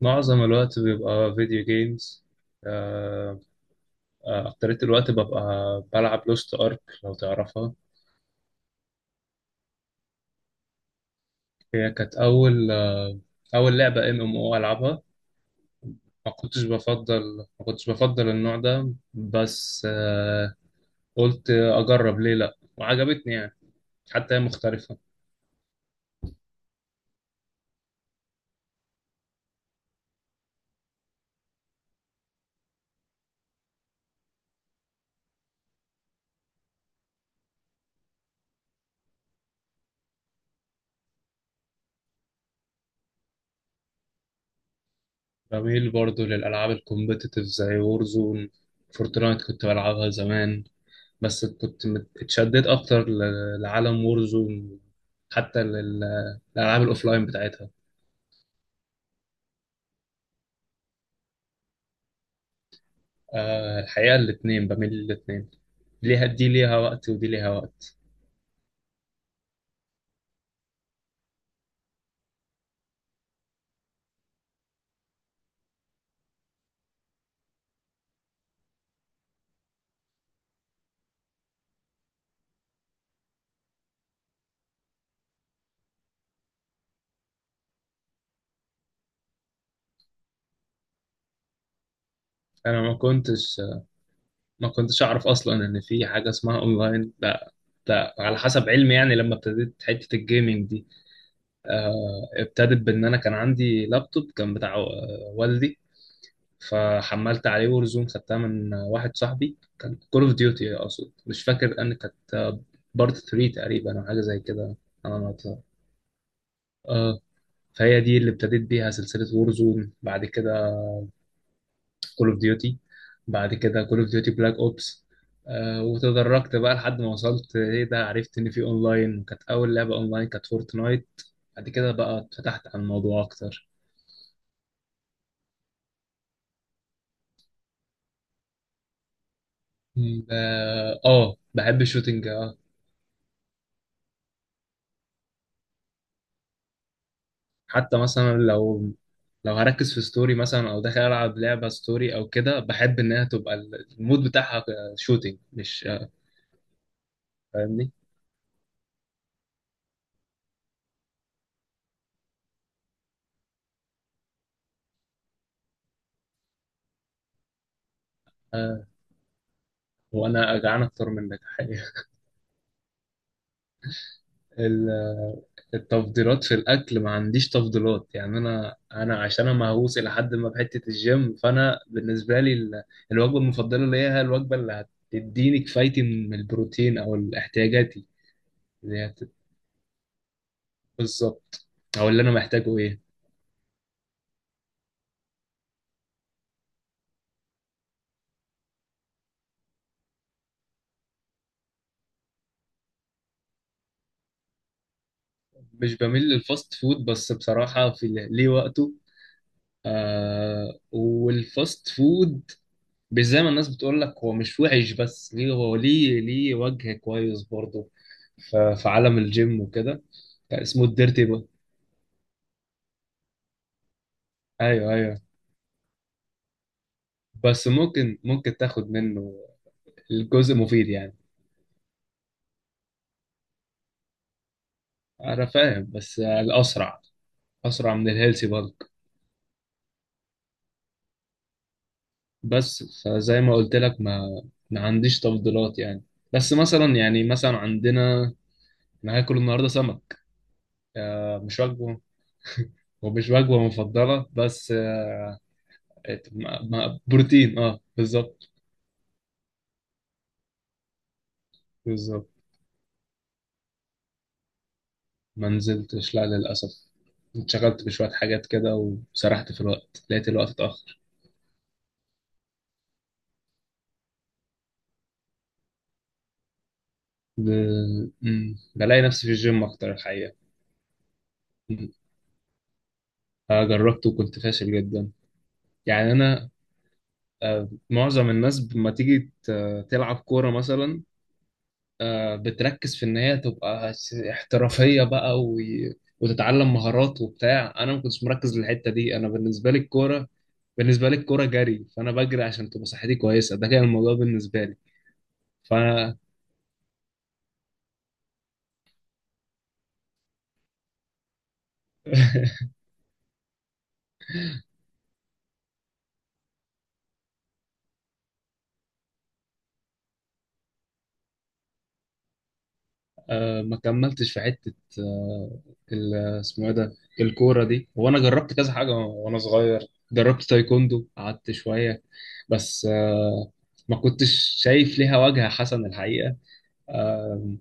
معظم الوقت بيبقى فيديو جيمز. آه، أكترية الوقت ببقى بلعب لوست أرك لو تعرفها. هي كانت أول لعبة ام ام او ألعبها. ما كنتش بفضل ما كنتش بفضل النوع ده، بس قلت أجرب ليه لأ وعجبتني يعني، حتى هي مختلفة. بميل برضو للألعاب الكومبيتيتيف زي وورزون. فورتنايت كنت بلعبها زمان، بس كنت اتشددت اكتر لعالم وورزون، حتى للالعاب الاوفلاين بتاعتها. الحقيقه الاثنين، بميل للاثنين، ليها دي ليها وقت ودي ليها وقت. انا ما كنتش اعرف اصلا ان في حاجه اسمها اونلاين، لا، لا، على حسب علمي يعني لما ابتديت حته الجيمنج دي. ابتدت بان انا كان عندي لابتوب كان بتاع والدي، فحملت عليه ورزون، خدتها من واحد صاحبي. كان كول اوف ديوتي اقصد، مش فاكر ان كانت بارت 3 تقريبا او حاجه زي كده. انا ناطقها اه. فهي دي اللي ابتديت بيها سلسله وورزون، بعد كده كول اوف ديوتي، بعد كده كول اوف ديوتي بلاك اوبس. وتدرجت بقى لحد ما وصلت، ايه ده، عرفت ان في اونلاين، كانت اول لعبه اونلاين كانت فورتنايت. بعد كده بقى اتفتحت على الموضوع اكتر. ب- اه، بحب الشوتينج. حتى مثلا لو هركز في ستوري مثلا او داخل العب لعبه ستوري او كده، بحب انها تبقى المود بتاعها شوتينج، مش فاهمني. آه وانا جعان اكتر منك حقيقة. ال- التفضيلات في الاكل ما عنديش تفضيلات يعني، انا عشان انا مهووس الى حد ما بحته الجيم، فانا بالنسبه لي الوجبه المفضله ليا هي الوجبه اللي هتديني كفايتي من البروتين او احتياجاتي. اللي هي بالظبط، او اللي انا محتاجه ايه. مش بميل للفاست فود، بس بصراحة في ليه وقته. والفاست فود مش زي ما الناس بتقول لك، هو مش وحش، بس ليه، هو ليه وجه كويس برضه. في عالم الجيم وكده اسمه الديرتي بقى. ايوه، ايوه، بس ممكن تاخد منه الجزء مفيد يعني. انا فاهم بس الاسرع، اسرع من الهيلثي بالك. بس فزي ما قلت لك ما عنديش تفضيلات يعني. بس مثلا يعني مثلا عندنا، انا هاكل النهارده سمك. آه مش وجبه، ومش وجبه مفضله بس بروتين. اه، بالظبط. بالظبط. ما نزلتش، لا، للاسف، اتشغلت بشويه حاجات كده، وسرحت في الوقت لقيت الوقت اتاخر. ب... مم. بلاقي نفسي في الجيم اكتر الحقيقه. مم. جربته وكنت فاشل جدا. يعني انا آه معظم الناس لما تيجي تلعب كوره مثلا، بتركز في ان هي تبقى احترافيه بقى وتتعلم مهارات وبتاع. انا ما كنتش مركز للحته دي، انا بالنسبه لي الكوره، بالنسبه لي الكوره جري، فانا بجري عشان تبقى صحتي كويسه، ده كان الموضوع بالنسبه لي. فانا ما كملتش في حته، آه، اسمه ايه ده الكوره دي. وانا جربت كذا حاجه وانا صغير، جربت تايكوندو قعدت شويه، بس ما كنتش شايف ليها وجهه حسن الحقيقه. آم،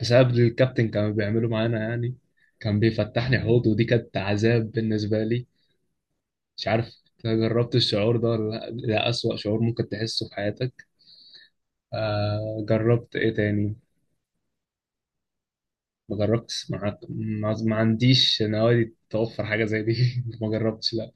بسبب الكابتن كانوا بيعملوا معانا يعني، كان بيفتحني حوض، ودي كانت عذاب بالنسبة لي. مش عارف جربت الشعور ده ولا لأ؟ ده أسوأ شعور ممكن تحسه في حياتك. جربت إيه تاني؟ ما جربتش، ما عنديش نوادي توفر حاجة زي دي. ما جربتش لأ.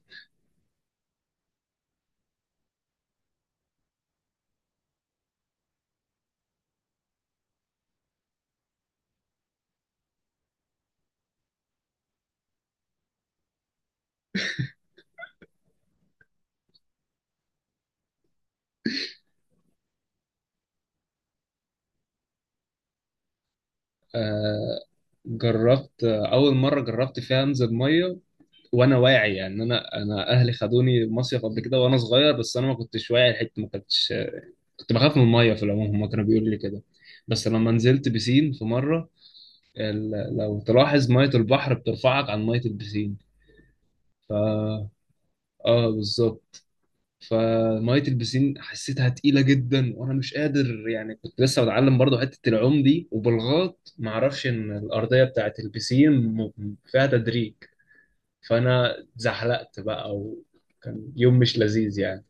آه جربت آه، أول مرة جربت فيها أنزل مية وأنا واعي يعني، أنا أنا أهلي خدوني مصيف قبل كده وأنا صغير، بس أنا ما كنتش واعي الحتة. ما كنتش، كنت بخاف من الميه في العموم، هما كانوا بيقولوا لي كده. بس لما نزلت بسين في مره، لو تلاحظ ميه البحر بترفعك عن ميه البسين. اه بالظبط. فميه البسين حسيتها تقيله جدا وانا مش قادر يعني، كنت لسه بتعلم برضو حته العوم دي، وبالغلط ما اعرفش ان الارضيه بتاعت البسين فيها تدريج، فانا زحلقت بقى وكان يوم مش لذيذ يعني.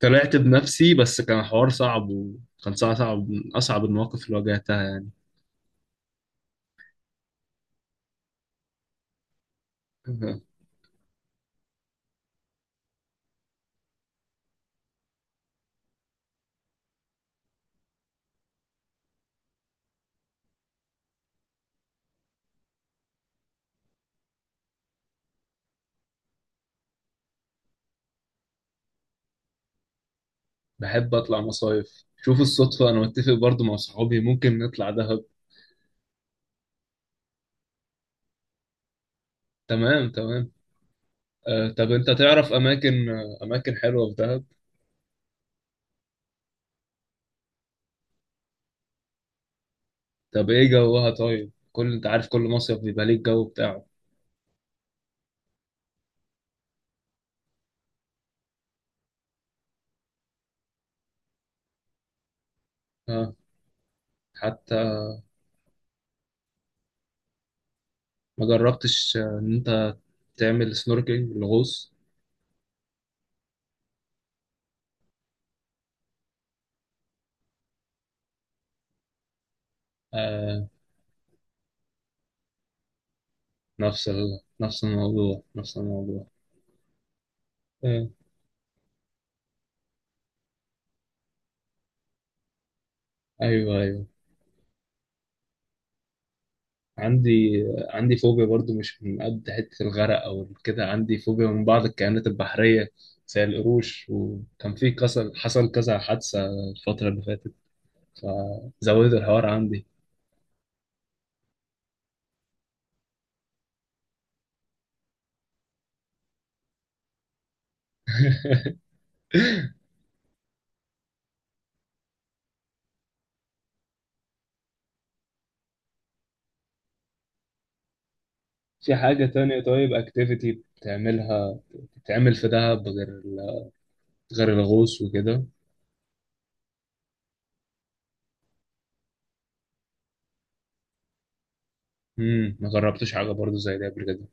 طلعت بنفسي، بس كان حوار صعب، وكان صعب، صعب، من اصعب المواقف اللي واجهتها يعني. بحب اطلع مصايف، شوف الصدفة، انا متفق برضو مع صحابي ممكن نطلع دهب. تمام، تمام. طب انت تعرف اماكن اماكن حلوة في دهب؟ طب ايه جوها؟ طيب، كل انت عارف كل مصيف بيبقى ليه الجو بتاعه. آه حتى ما جربتش ان انت تعمل سنوركينج الغوص. آه نفس الموضوع، نفس الموضوع. آه. ايوه، أيوه. عندي، عندي فوبيا برضو، مش من قد حتة الغرق أو كده، عندي فوبيا من بعض الكائنات البحرية زي القروش، وكان في كسر حصل كذا حادثة الفترة اللي فاتت، فزودت الحوار عندي. في حاجة تانية طيب اكتيفيتي بتعملها؟ بتتعمل في دهب غير غير الغوص وكده؟ ما جربتش حاجة برضو زي دي قبل كده.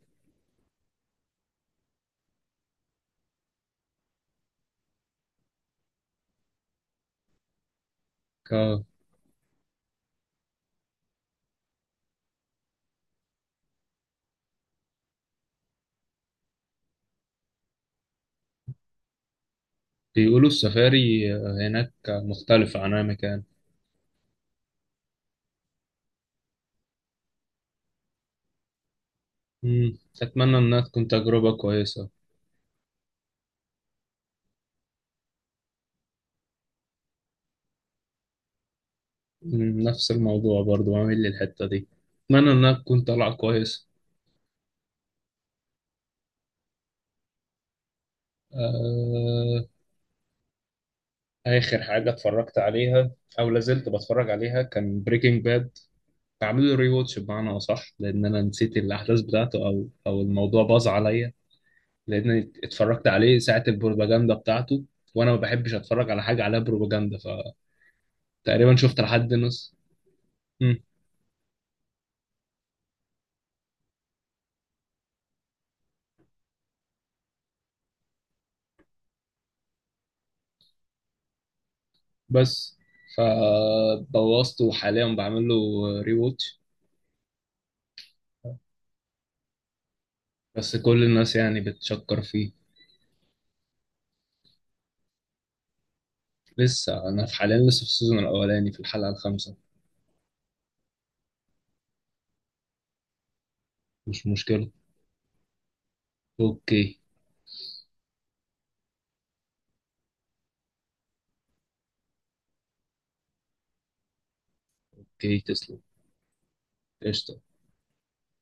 ك- بيقولوا السفاري هناك مختلفة عن أي مكان. أتمنى إنها تكون تجربة كويسة. نفس الموضوع برضو عامل لي الحتة دي، اتمنى انها تكون طالعة كويس. آه... اخر حاجة اتفرجت عليها او لازلت بتفرج عليها كان بريكنج باد، عامل له ري واتش بمعنى اصح، لان انا نسيت الاحداث بتاعته، او الموضوع باظ عليا، لان اتفرجت عليه ساعة البروباجندا بتاعته، وانا ما بحبش اتفرج على حاجة عليها بروباجندا، فتقريبا شفت لحد نص. مم، بس فبوظته، وحاليا بعمل له ري واتش، بس كل الناس يعني بتشكر فيه. لسه، انا في حاليا لسه في السيزون الاولاني في الحلقه الخامسه. مش مشكله. اوكي. اوكي، تسلم. قشطه.